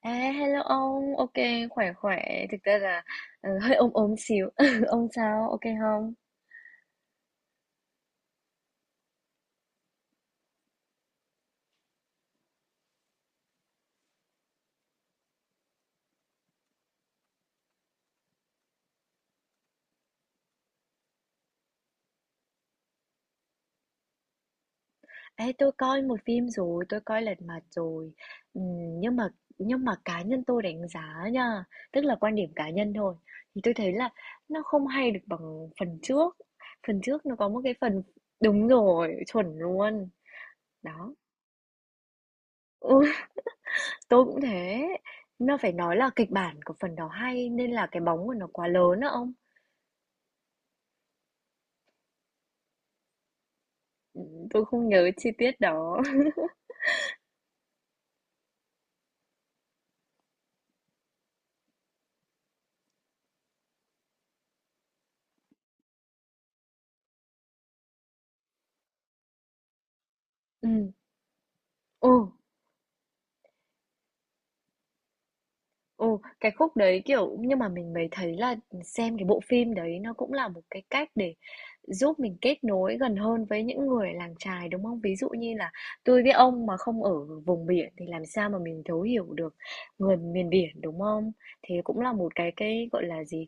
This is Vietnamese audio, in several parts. À, hello ông, ok, khỏe khỏe, thực ra là hơi ốm ốm xíu, ông sao, ok không? Ê, tôi coi một phim rồi, tôi coi Lật Mặt rồi. Ừm, nhưng mà nhưng mà cá nhân tôi đánh giá nha, tức là quan điểm cá nhân thôi, thì tôi thấy là nó không hay được bằng phần trước. Phần trước nó có một cái phần, đúng rồi, chuẩn luôn, đó, ừ, tôi cũng thế. Nó phải nói là kịch bản của phần đó hay nên là cái bóng của nó quá lớn á ông. Ừ, tôi không nhớ chi tiết đó. Ừ ồ ồ Cái khúc đấy, kiểu nhưng mà mình mới thấy là xem cái bộ phim đấy nó cũng là một cái cách để giúp mình kết nối gần hơn với những người làng chài, đúng không? Ví dụ như là tôi với ông mà không ở vùng biển thì làm sao mà mình thấu hiểu được người miền biển, đúng không? Thì cũng là một cái, gọi là gì,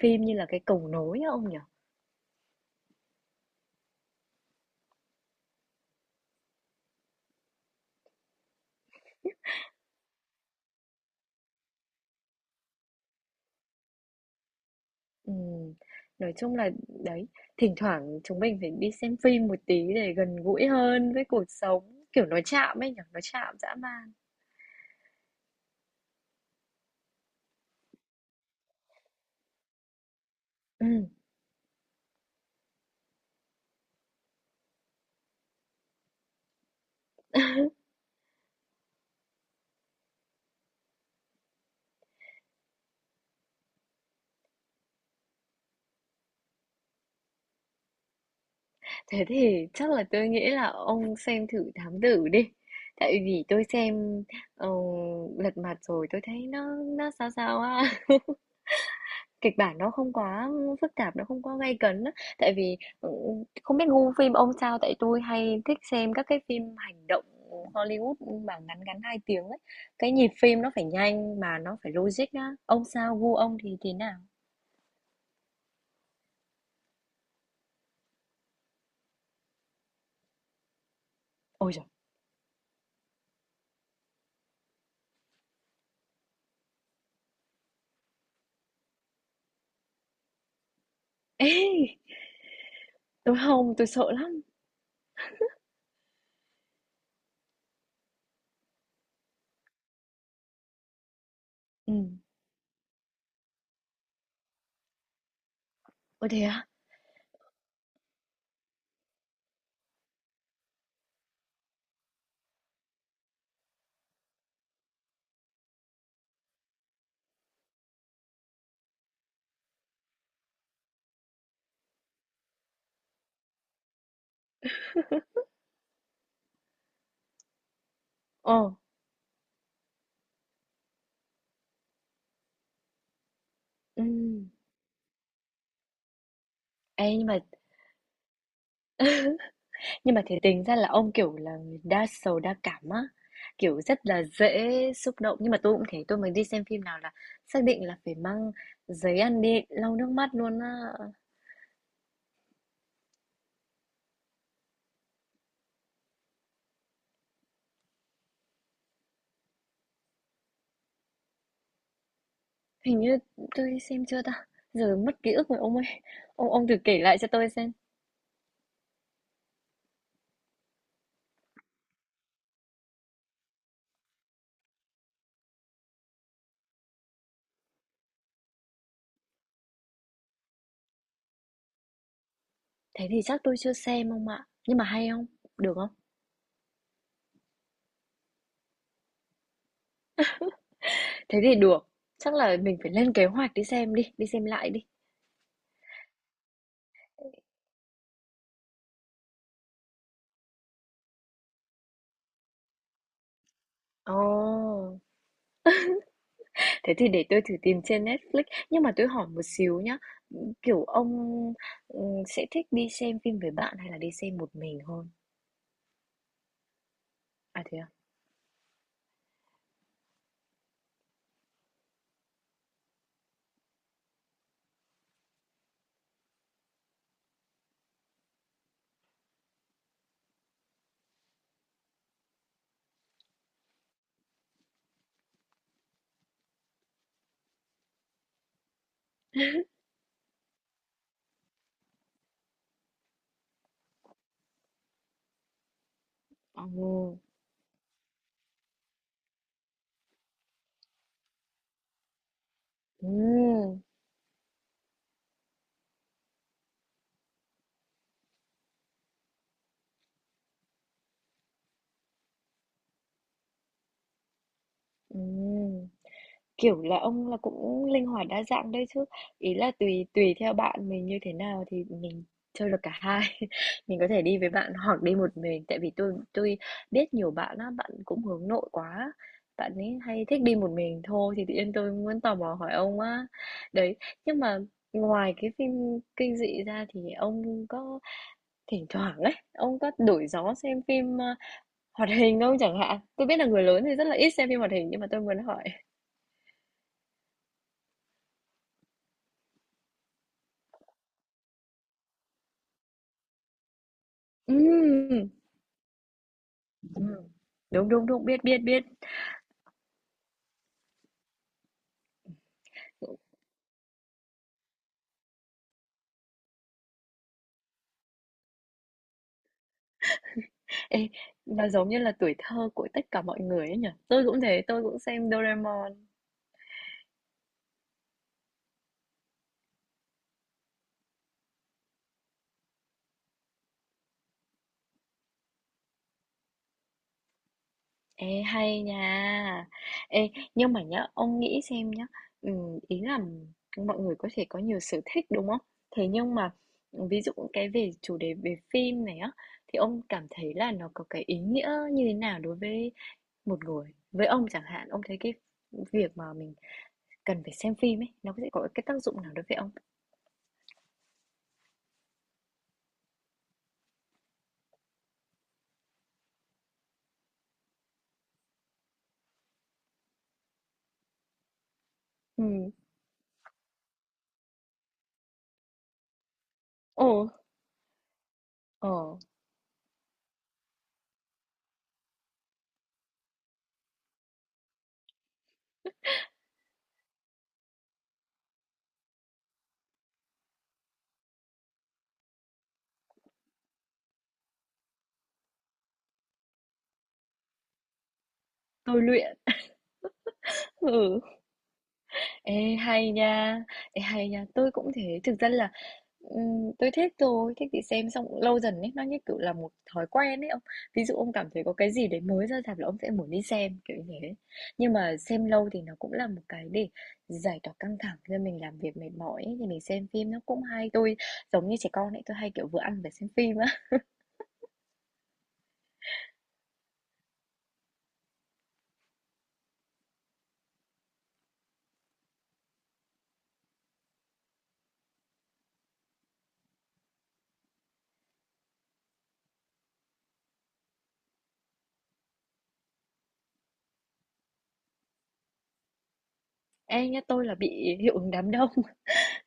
phim như là cái cầu nối á ông nhỉ? Ừm, nói chung là đấy, thỉnh thoảng chúng mình phải đi xem phim một tí để gần gũi hơn với cuộc sống, kiểu nó chạm ấy nhỉ, nó chạm dã man. Ừm, Thế thì chắc là tôi nghĩ là ông xem thử Thám Tử đi. Tại vì tôi xem ờ, Lật Mặt rồi tôi thấy nó sao sao á. Kịch bản nó không quá phức tạp, nó không quá gay cấn á. Tại vì không biết gu phim ông sao, tại tôi hay thích xem các cái phim hành động Hollywood mà ngắn ngắn hai tiếng ấy. Cái nhịp phim nó phải nhanh mà nó phải logic á. Ông sao, gu ông thì thế nào? Ôi trời. Ê, tôi không, tôi sợ lắm. Ừ. Ôi thế á? Ồ, ừm. Ê, nhưng mà thế tính ra là ông, kiểu là, người đa sầu đa cảm á, kiểu, rất là dễ xúc động. Nhưng mà tôi cũng thế, tôi mới đi xem phim nào là xác định là phải mang giấy ăn đi lau nước mắt luôn á. Hình như tôi đi xem chưa ta? Giờ mất ký ức rồi ông ơi. Ông thử kể lại cho tôi xem. Thế thì chắc tôi chưa xem ông ạ. Nhưng mà hay không? Được không? Thế thì được. Chắc là mình phải lên kế hoạch đi xem đi, đi xem lại đi. Ồ. Thế thì để tôi thử tìm trên Netflix, nhưng mà tôi hỏi một xíu nhá, kiểu ông, sẽ thích đi xem phim với bạn hay là đi xem một mình hơn? À, thế à? ừ ừ ừm. Kiểu là, ông là cũng linh hoạt đa dạng đấy chứ. Ý là tùy tùy theo bạn mình như thế nào thì mình chơi được cả hai. Mình có thể đi với bạn hoặc đi một mình, tại vì tôi biết nhiều bạn á, bạn cũng hướng nội quá. Bạn ấy hay thích đi một mình thôi thì tự nhiên tôi muốn tò mò hỏi ông á. Đấy, nhưng mà ngoài cái phim kinh dị ra thì ông có thỉnh thoảng ấy, ông có đổi gió xem phim hoạt hình không chẳng hạn? Tôi biết là người lớn thì rất là ít xem phim hoạt hình nhưng mà tôi muốn hỏi. Ừm. Ừm. Đúng, đúng, đúng, biết, biết, biết. Ê, nó giống như là tuổi thơ của tất cả mọi người ấy nhỉ? Tôi cũng thế, tôi cũng xem Doraemon. Ê, hay nha. Ê, nhưng mà nhá, ông nghĩ xem nhá, ý là mọi người có thể có nhiều sở thích đúng không? Thế nhưng mà ví dụ cái về chủ đề về phim này á, thì ông cảm thấy là nó có cái ý nghĩa như thế nào đối với một người? Với ông chẳng hạn, ông thấy cái việc mà mình cần phải xem phim ấy, nó sẽ có cái tác dụng nào đối với ông? Ừ. Ồ. Ờ, tôi luyện, ừ. Ê, hay nha, Ê, hay nha, tôi cũng thế. Thực ra là tôi thích thôi, thích thì xem xong cũng lâu dần ấy, nó như kiểu là một thói quen ấy ông. Ví dụ ông cảm thấy có cái gì đấy mới ra rạp là ông sẽ muốn đi xem, kiểu như thế. Nhưng mà xem lâu thì nó cũng là một cái để giải tỏa căng thẳng cho mình làm việc mệt mỏi ấy, thì mình xem phim nó cũng hay. Tôi giống như trẻ con ấy, tôi hay kiểu vừa ăn vừa xem phim á. Ê nhá, tôi là bị hiệu ứng đám đông.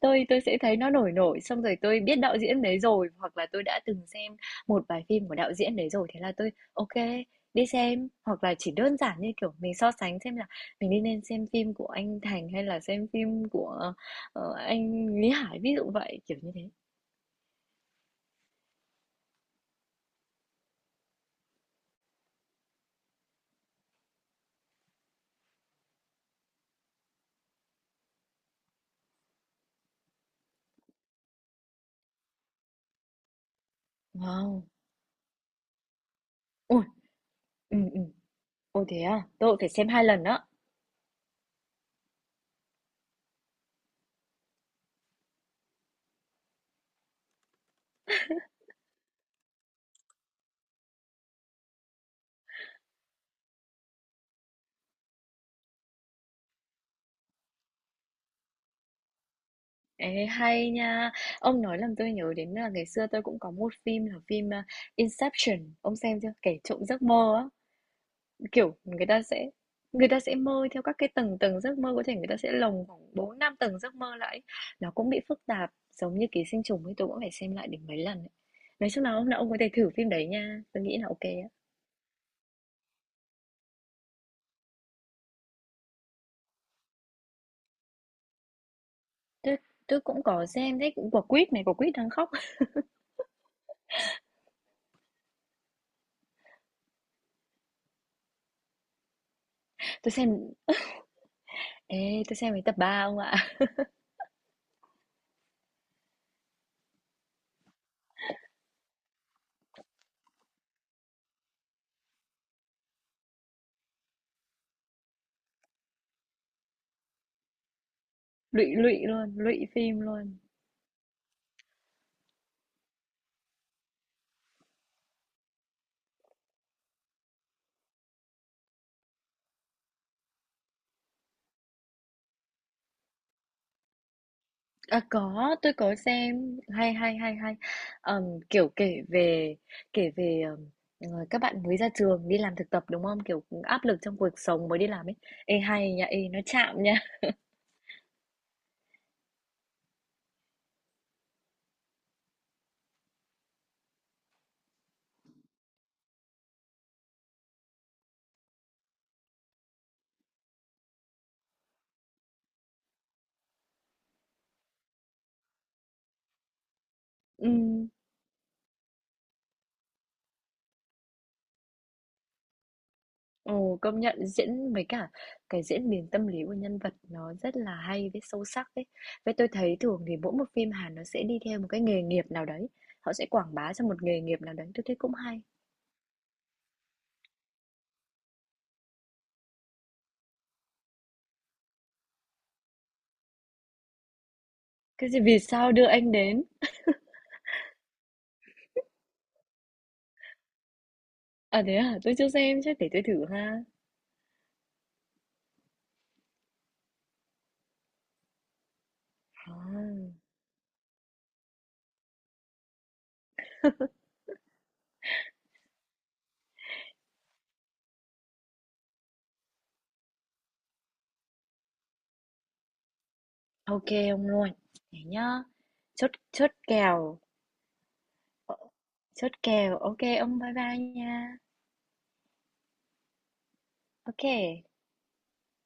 Tôi sẽ thấy nó nổi nổi, xong rồi tôi biết đạo diễn đấy rồi, hoặc là tôi đã từng xem một vài phim của đạo diễn đấy rồi, thế là tôi ok đi xem. Hoặc là chỉ đơn giản như, kiểu, mình so sánh xem là mình đi nên xem phim của anh Thành hay là xem phim của, ờ, anh Lý Hải, ví dụ vậy, kiểu như thế. Wow! ui ừ ừ Ồ, thế à? Tôi phải xem 2 lần đó. Ê, hay nha! Ông nói làm tôi nhớ đến là ngày xưa tôi cũng có một phim là phim, a, Inception, ông xem chưa? Kẻ trộm giấc mơ á. Kiểu, người ta sẽ mơ theo các cái tầng tầng giấc mơ, có thể người ta sẽ lồng khoảng 4 5 tầng giấc mơ lại. Nó cũng bị phức tạp, giống như Ký Sinh Trùng ấy, tôi cũng phải xem lại đến mấy lần ấy. Nói chung là hôm nào ông có thể thử phim đấy nha, tôi nghĩ là ok á. Tôi tôi cũng có xem đấy, cũng Quả Quýt này, Quả Quýt đang khóc. Tôi xem tôi xem đến tập 3 ông ạ. Lụy lụy luôn, lụy phim luôn. À, có, tôi có xem, hay, hay, hay, hay. Ờm, kiểu kể về ờ, các bạn mới ra trường đi làm thực tập đúng không? Kiểu áp lực trong cuộc sống mới đi làm ấy. Ê hay nha, ê nó chạm nha. Ừm, ồ, công nhận diễn với cả cái diễn biến tâm lý của nhân vật nó rất là hay với sâu sắc ấy. Với tôi thấy thường thì mỗi một phim Hàn nó sẽ đi theo một cái nghề nghiệp nào đấy. Họ sẽ quảng bá cho một nghề nghiệp nào đấy. Tôi thấy cũng hay. Cái gì vì sao đưa anh đến? À thế à, tôi chưa xem, chắc để tôi thử ha. Ờ, OK ông luôn. Thế nhá. Chốt chốt kèo. Ờ, Chốt kèo. OK ông bye bye nha. OK.